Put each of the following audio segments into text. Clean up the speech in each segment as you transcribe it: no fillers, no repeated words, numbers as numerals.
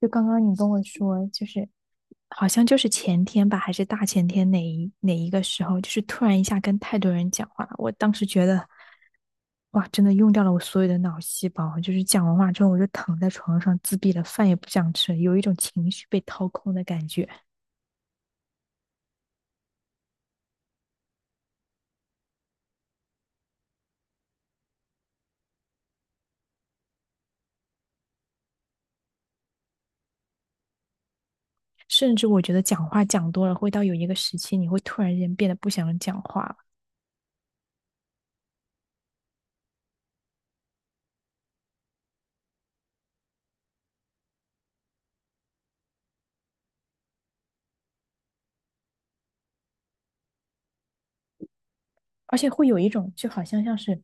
就刚刚你跟我说，好像就是前天吧，还是大前天哪一个时候，就是突然一下跟太多人讲话了，我当时觉得，哇，真的用掉了我所有的脑细胞。就是讲完话之后，我就躺在床上自闭了，饭也不想吃，有一种情绪被掏空的感觉。甚至我觉得讲话讲多了，会到有一个时期，你会突然间变得不想讲话了。而且会有一种就好像像是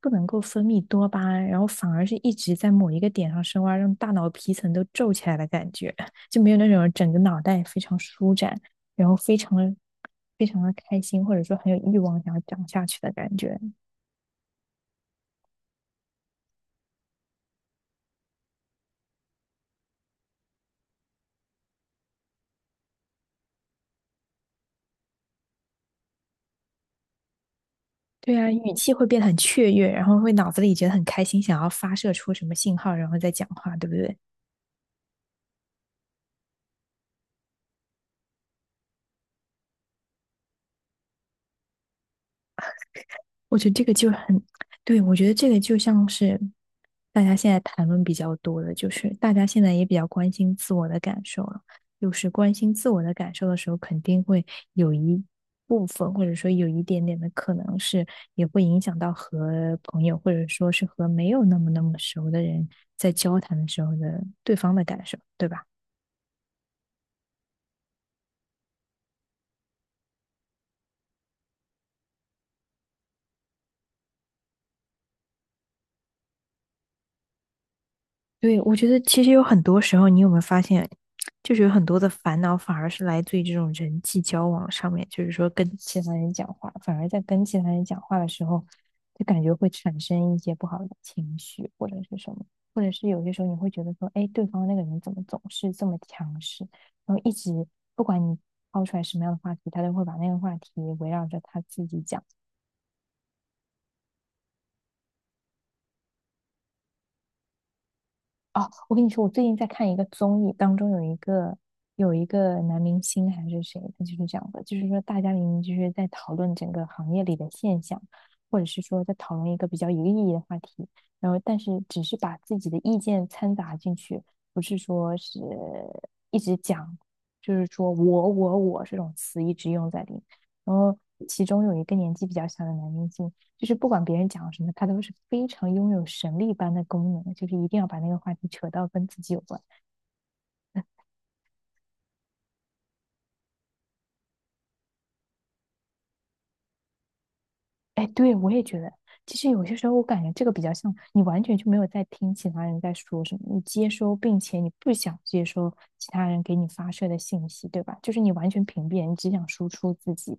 不能够分泌多巴胺，然后反而是一直在某一个点上深挖，让大脑皮层都皱起来的感觉，就没有那种整个脑袋非常舒展，然后非常的开心，或者说很有欲望想要讲下去的感觉。对啊，语气会变得很雀跃，然后会脑子里觉得很开心，想要发射出什么信号，然后再讲话，对不对？我觉得这个就很，对，我觉得这个就像是大家现在谈论比较多的，就是大家现在也比较关心自我的感受了。就是关心自我的感受的时候，肯定会有一部分，或者说有一点点的可能是，也会影响到和朋友，或者说是和没有那么熟的人在交谈的时候的对方的感受，对吧？对，我觉得其实有很多时候，你有没有发现，就是有很多的烦恼反而是来自于这种人际交往上面，就是说跟其他人讲话，反而在跟其他人讲话的时候，就感觉会产生一些不好的情绪或者是什么，或者是有些时候你会觉得说，哎，对方那个人怎么总是这么强势，然后一直不管你抛出来什么样的话题，他都会把那个话题围绕着他自己讲。哦，我跟你说，我最近在看一个综艺，当中有一个男明星还是谁，他就是这样的，就是说大家明明就是在讨论整个行业里的现象，或者是说在讨论一个比较有意义的话题，然后但是只是把自己的意见掺杂进去，不是说是一直讲，就是说我这种词一直用在里面。然后其中有一个年纪比较小的男明星，就是不管别人讲什么，他都是非常拥有神力般的功能，就是一定要把那个话题扯到跟自己有关。哎，对，我也觉得，其实有些时候我感觉这个比较像你完全就没有在听其他人在说什么，你接收并且你不想接收其他人给你发射的信息，对吧？就是你完全屏蔽，你只想输出自己。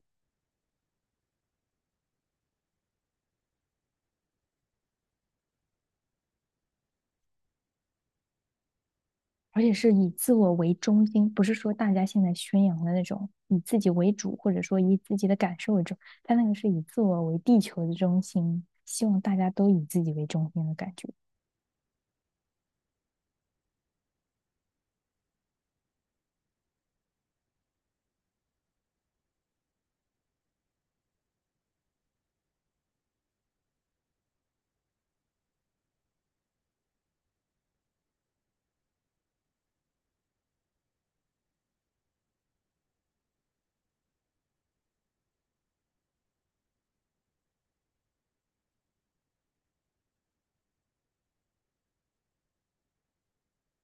而且是以自我为中心，不是说大家现在宣扬的那种以自己为主，或者说以自己的感受为主，他那个是以自我为地球的中心，希望大家都以自己为中心的感觉。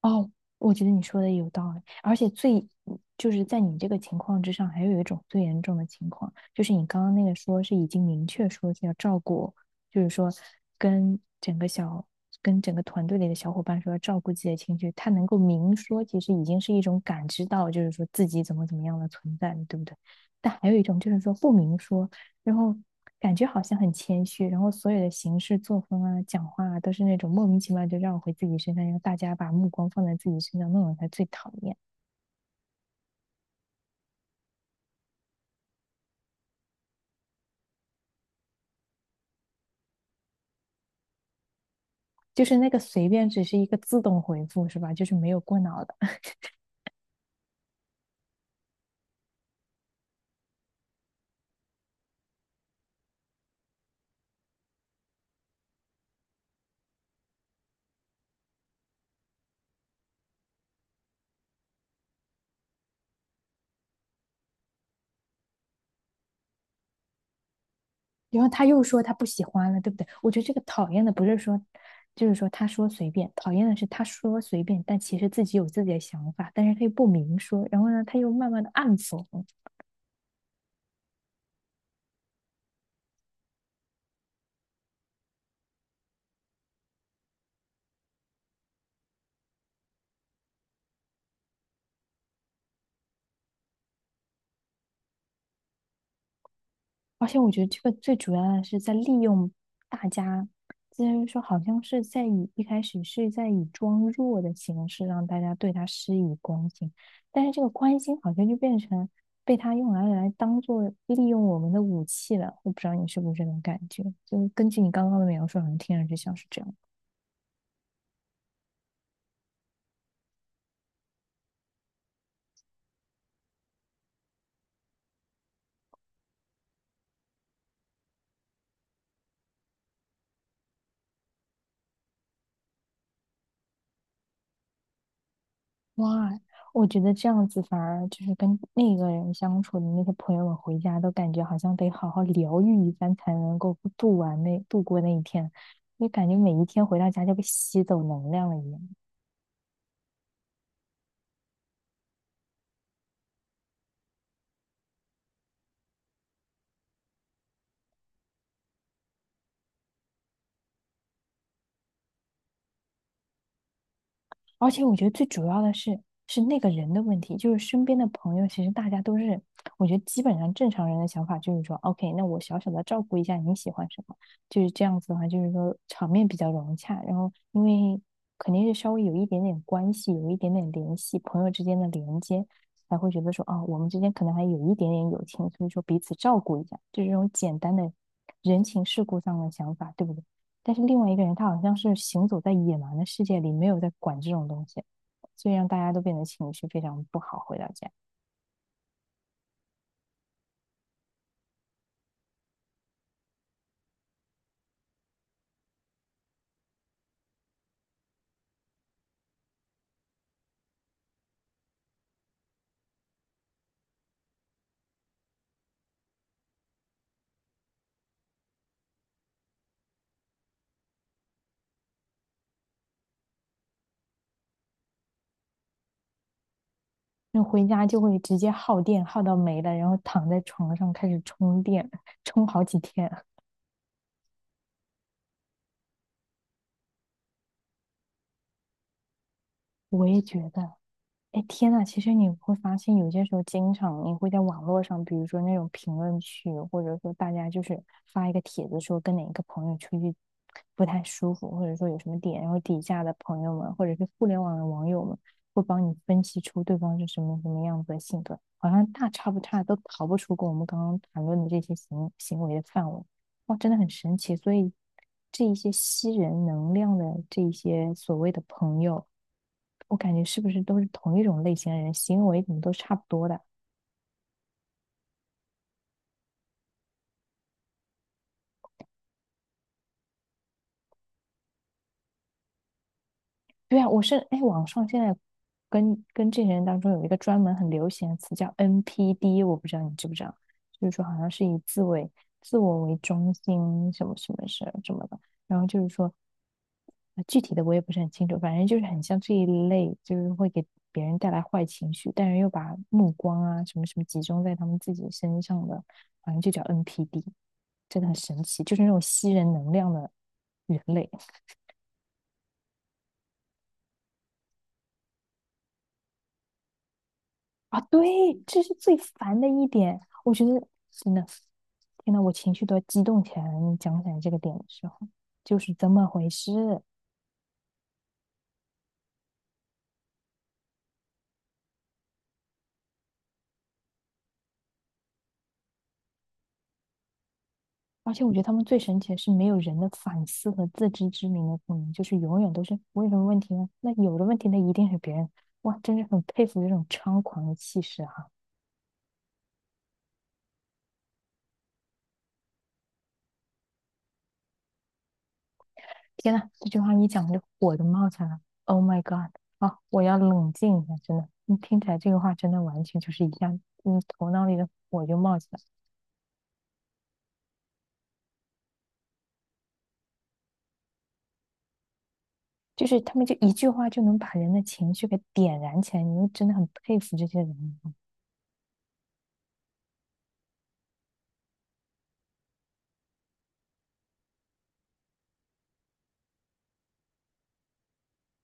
哦，我觉得你说的有道理，而且最就是在你这个情况之上，还有一种最严重的情况，就是你刚刚那个说是已经明确说是要照顾，就是说跟整个小跟整个团队里的小伙伴说要照顾自己的情绪，他能够明说，其实已经是一种感知到，就是说自己怎么怎么样的存在，对不对？但还有一种就是说不明说，然后感觉好像很谦虚，然后所有的行事作风啊、讲话啊，都是那种莫名其妙就绕回自己身上，让大家把目光放在自己身上，那种才最讨厌。就是那个随便只是一个自动回复是吧？就是没有过脑的。然后他又说他不喜欢了，对不对？我觉得这个讨厌的不是说，就是说他说随便，讨厌的是他说随便，但其实自己有自己的想法，但是他又不明说，然后呢，他又慢慢的暗讽。而且我觉得这个最主要的是在利用大家，就是说好像是在以一开始是在以装弱的形式让大家对他施以关心，但是这个关心好像就变成被他用来当做利用我们的武器了。我不知道你是不是这种感觉，就是根据你刚刚的描述，好像听上去像是这样。哇，我觉得这样子反而就是跟那个人相处的那些朋友们回家都感觉好像得好好疗愈一番才能够度过那一天，就感觉每一天回到家就被吸走能量了一样。而且我觉得最主要的是，是那个人的问题，就是身边的朋友，其实大家都是，我觉得基本上正常人的想法就是说，OK，那我小小的照顾一下你喜欢什么，就是这样子的话，就是说场面比较融洽，然后因为肯定是稍微有一点点关系，有一点点联系，朋友之间的连接，才会觉得说，啊，我们之间可能还有一点点友情，所以说彼此照顾一下，就是这种简单的人情世故上的想法，对不对？但是另外一个人他好像是行走在野蛮的世界里，没有在管这种东西，所以让大家都变得情绪非常不好。回到家，那回家就会直接耗电，耗到没了，然后躺在床上开始充电，充好几天。我也觉得，哎，天呐，其实你会发现，有些时候经常你会在网络上，比如说那种评论区，或者说大家就是发一个帖子说跟哪个朋友出去不太舒服，或者说有什么点，然后底下的朋友们或者是互联网的网友们会帮你分析出对方是什么什么样子的性格，好像大差不差，都逃不出跟我们刚刚谈论的这些行为的范围。哇，真的很神奇。所以这一些吸人能量的这一些所谓的朋友，我感觉是不是都是同一种类型的人，行为怎么都差不多的？对啊，我是，哎，网上现在跟这些人当中有一个专门很流行的词叫 NPD，我不知道你知不知道，就是说好像是以自为自我为中心什么什么的，然后就是说，具体的我也不是很清楚，反正就是很像这一类，就是会给别人带来坏情绪，但是又把目光啊什么什么集中在他们自己身上的，反正就叫 NPD，真的很神奇，就是那种吸人能量的人类。啊，对，这是最烦的一点。我觉得真的，天呐，我情绪都要激动起来了。你讲起来这个点的时候，就是这么回事。而且我觉得他们最神奇的是，没有人的反思和自知之明的可能，就是永远都是我有什么问题呢？那有的问题，那一定是别人。哇，真是很佩服这种猖狂的气势哈！天呐，这句话一讲，就火就冒起来了。Oh my god！啊，我要冷静一下，真的。你听起来这个话，真的完全就是一下，嗯，头脑里的火就冒起来了。就是他们就一句话就能把人的情绪给点燃起来，你就真的很佩服这些人。